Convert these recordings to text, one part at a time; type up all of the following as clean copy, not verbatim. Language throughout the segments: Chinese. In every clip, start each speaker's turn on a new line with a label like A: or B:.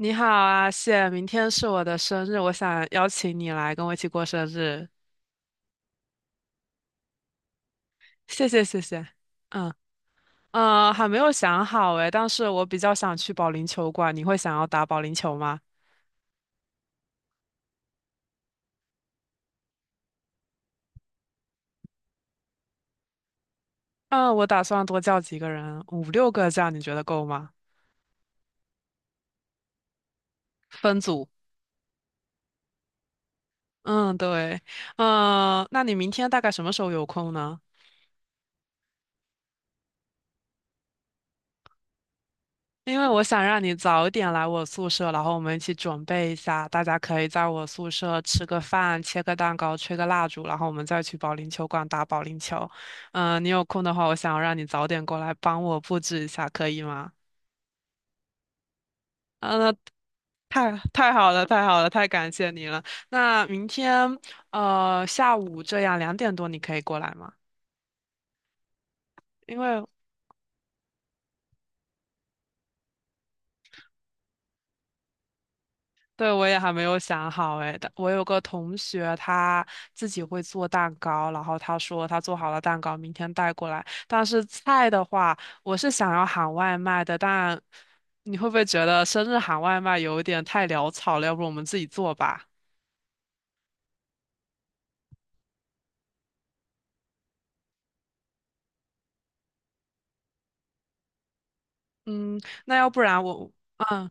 A: 你好啊，谢，明天是我的生日，我想邀请你来跟我一起过生日，谢谢谢谢。嗯嗯，还没有想好诶，但是我比较想去保龄球馆，你会想要打保龄球吗？嗯，我打算多叫几个人，5、6个这样，你觉得够吗？分组。嗯，对。嗯，那你明天大概什么时候有空呢？因为我想让你早点来我宿舍，然后我们一起准备一下，大家可以在我宿舍吃个饭、切个蛋糕、吹个蜡烛，然后我们再去保龄球馆打保龄球。嗯、你有空的话，我想要让你早点过来帮我布置一下，可以吗？嗯，那太好了，太好了，太感谢你了。那明天下午这样2点多你可以过来吗？因为对，我也还没有想好诶，但我有个同学，他自己会做蛋糕，然后他说他做好了蛋糕，明天带过来。但是菜的话，我是想要喊外卖的，但你会不会觉得生日喊外卖有一点太潦草了？要不我们自己做吧？嗯，那要不然我，嗯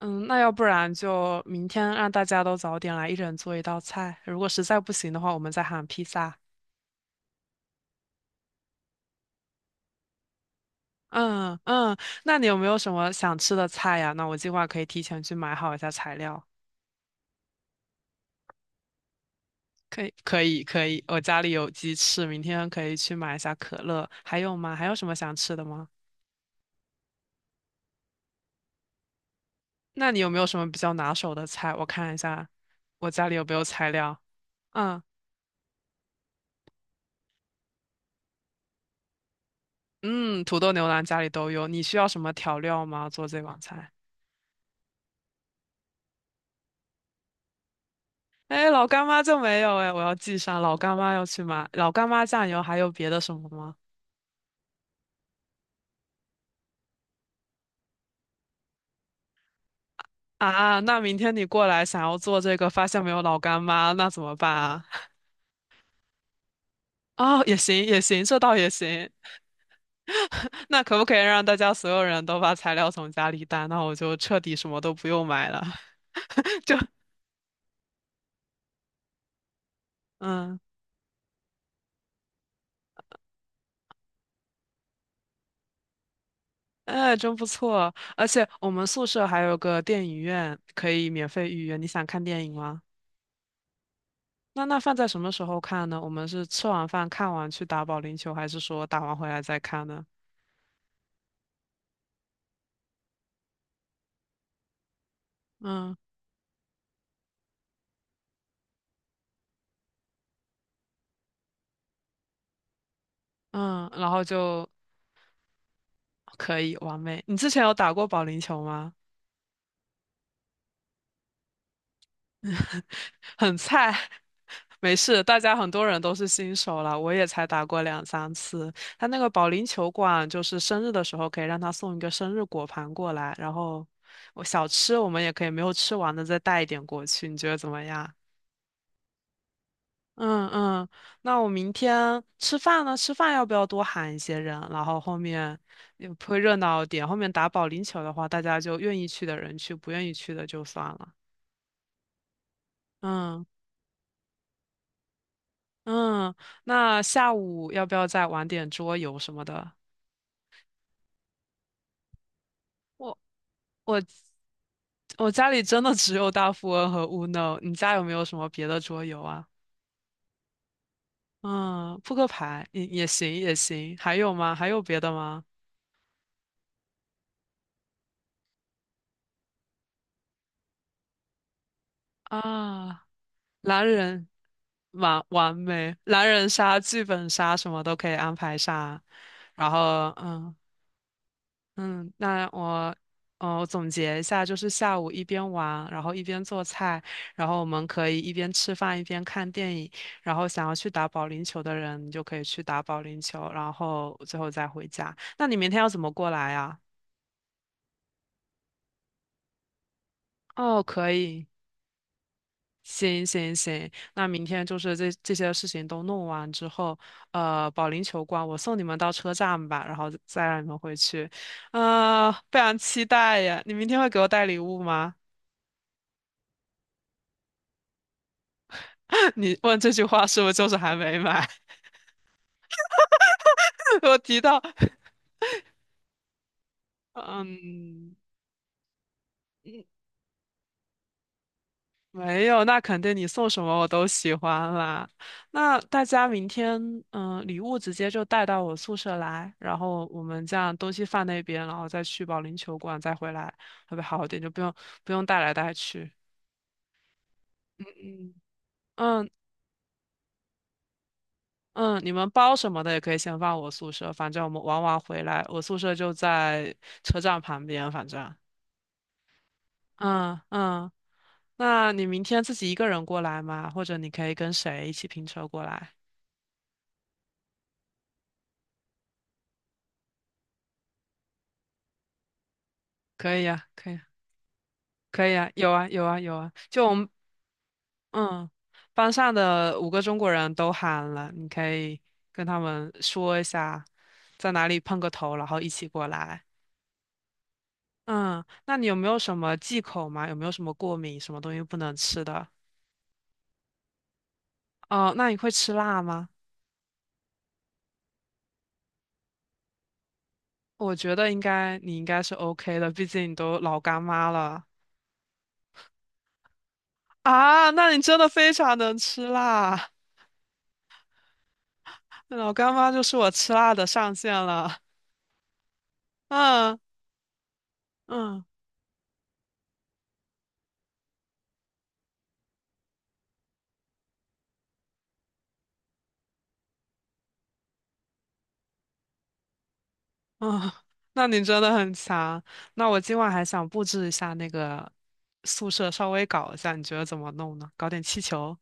A: 嗯，那要不然就明天让大家都早点来，一人做一道菜。如果实在不行的话，我们再喊披萨。嗯嗯，那你有没有什么想吃的菜呀？那我计划可以提前去买好一下材料。可以可以可以，我家里有鸡翅，明天可以去买一下可乐。还有吗？还有什么想吃的吗？那你有没有什么比较拿手的菜？我看一下，我家里有没有材料？嗯嗯，土豆牛腩家里都有。你需要什么调料吗？做这碗菜？哎，老干妈就没有哎，我要记上。老干妈要去买，老干妈酱油还有别的什么吗？啊，那明天你过来想要做这个，发现没有老干妈，那怎么办啊？哦，也行也行，这倒也行。那可不可以让大家所有人都把材料从家里带？那我就彻底什么都不用买了，就嗯，哎，真不错。而且我们宿舍还有个电影院，可以免费预约。你想看电影吗？那放在什么时候看呢？我们是吃完饭看完去打保龄球，还是说打完回来再看呢？嗯嗯，然后就可以，完美。你之前有打过保龄球吗？很菜，没事，大家很多人都是新手了，我也才打过2、3次。他那个保龄球馆，就是生日的时候可以让他送一个生日果盘过来，然后我小吃我们也可以没有吃完的再带一点过去，你觉得怎么样？嗯嗯，那我明天吃饭呢？吃饭要不要多喊一些人？然后后面也会热闹一点。后面打保龄球的话，大家就愿意去的人去，不愿意去的就算了。嗯嗯，那下午要不要再玩点桌游什么的？我我我家里真的只有大富翁和 Uno，你家有没有什么别的桌游啊？嗯，扑克牌也行也行，还有吗？还有别的吗？啊，狼人，完完美，狼人杀、剧本杀什么都可以安排上，然后嗯。嗯，那我我总结一下，就是下午一边玩，然后一边做菜，然后我们可以一边吃饭一边看电影，然后想要去打保龄球的人，你就可以去打保龄球，然后最后再回家。那你明天要怎么过来啊？哦，可以，行行行，那明天就是这些事情都弄完之后，保龄球馆我送你们到车站吧，然后再让你们回去。啊、非常期待呀！你明天会给我带礼物吗？你问这句话是不是就是还没买？我提到，嗯，嗯没有，那肯定你送什么我都喜欢啦。那大家明天，嗯，礼物直接就带到我宿舍来，然后我们这样东西放那边，然后再去保龄球馆再回来，会不会好一点？就不用带来带去。嗯嗯嗯，你们包什么的也可以先放我宿舍，反正我们玩完回来，我宿舍就在车站旁边，反正。嗯嗯，那你明天自己一个人过来吗？或者你可以跟谁一起拼车过来？可以呀，可以啊，可以呀，有啊，有啊，有啊。就我们，嗯，班上的5个中国人都喊了，你可以跟他们说一下，在哪里碰个头，然后一起过来。嗯，那你有没有什么忌口吗？有没有什么过敏，什么东西不能吃的？哦，那你会吃辣吗？我觉得应该，你应该是 OK 的，毕竟你都老干妈了。啊，那你真的非常能吃辣，老干妈就是我吃辣的上限了。嗯嗯嗯，那你真的很强。那我今晚还想布置一下那个宿舍，稍微搞一下，你觉得怎么弄呢？搞点气球。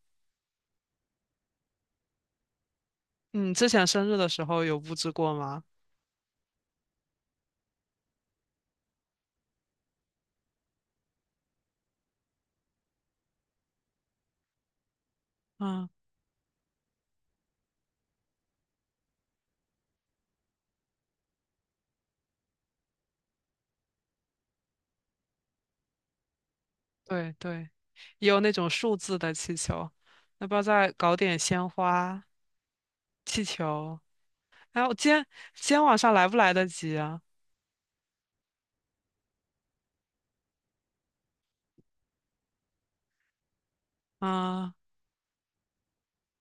A: 嗯，之前生日的时候有布置过吗？嗯，对对，也有那种数字的气球。要不要再搞点鲜花、气球？哎，我今天今天晚上来不来得及啊？啊、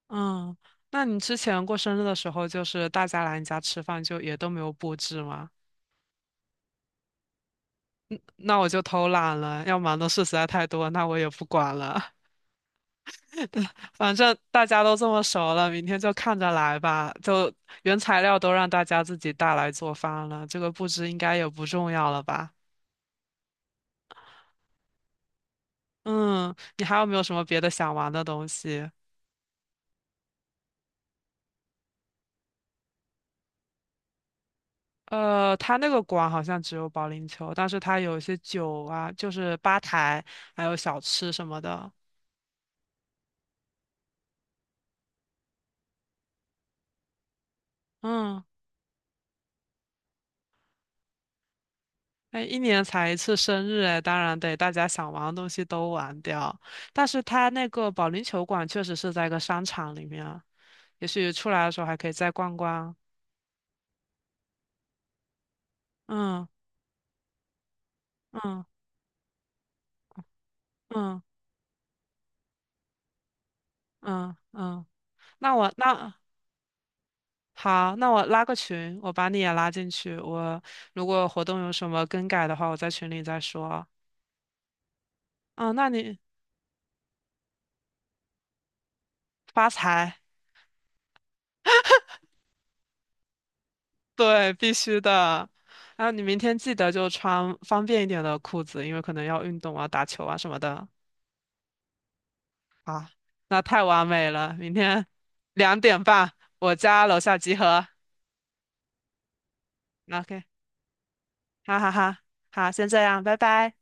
A: 嗯，那你之前过生日的时候，就是大家来你家吃饭，就也都没有布置吗？那我就偷懒了，要忙的事实在太多，那我也不管了。反正大家都这么熟了，明天就看着来吧。就原材料都让大家自己带来做饭了，这个布置应该也不重要了吧？嗯，你还有没有什么别的想玩的东西？他那个馆好像只有保龄球，但是他有一些酒啊，就是吧台，还有小吃什么的。嗯。哎，一年才一次生日，哎，当然得大家想玩的东西都玩掉。但是它那个保龄球馆确实是在一个商场里面啊，也许出来的时候还可以再逛逛。嗯嗯嗯嗯嗯，那我那好，那我拉个群，我把你也拉进去。我如果活动有什么更改的话，我在群里再说。嗯，那你发财，对，必须的。然后你明天记得就穿方便一点的裤子，因为可能要运动啊、打球啊什么的。好，那太完美了。明天2点半，我家楼下集合。OK，好好好，好，先这样，拜拜。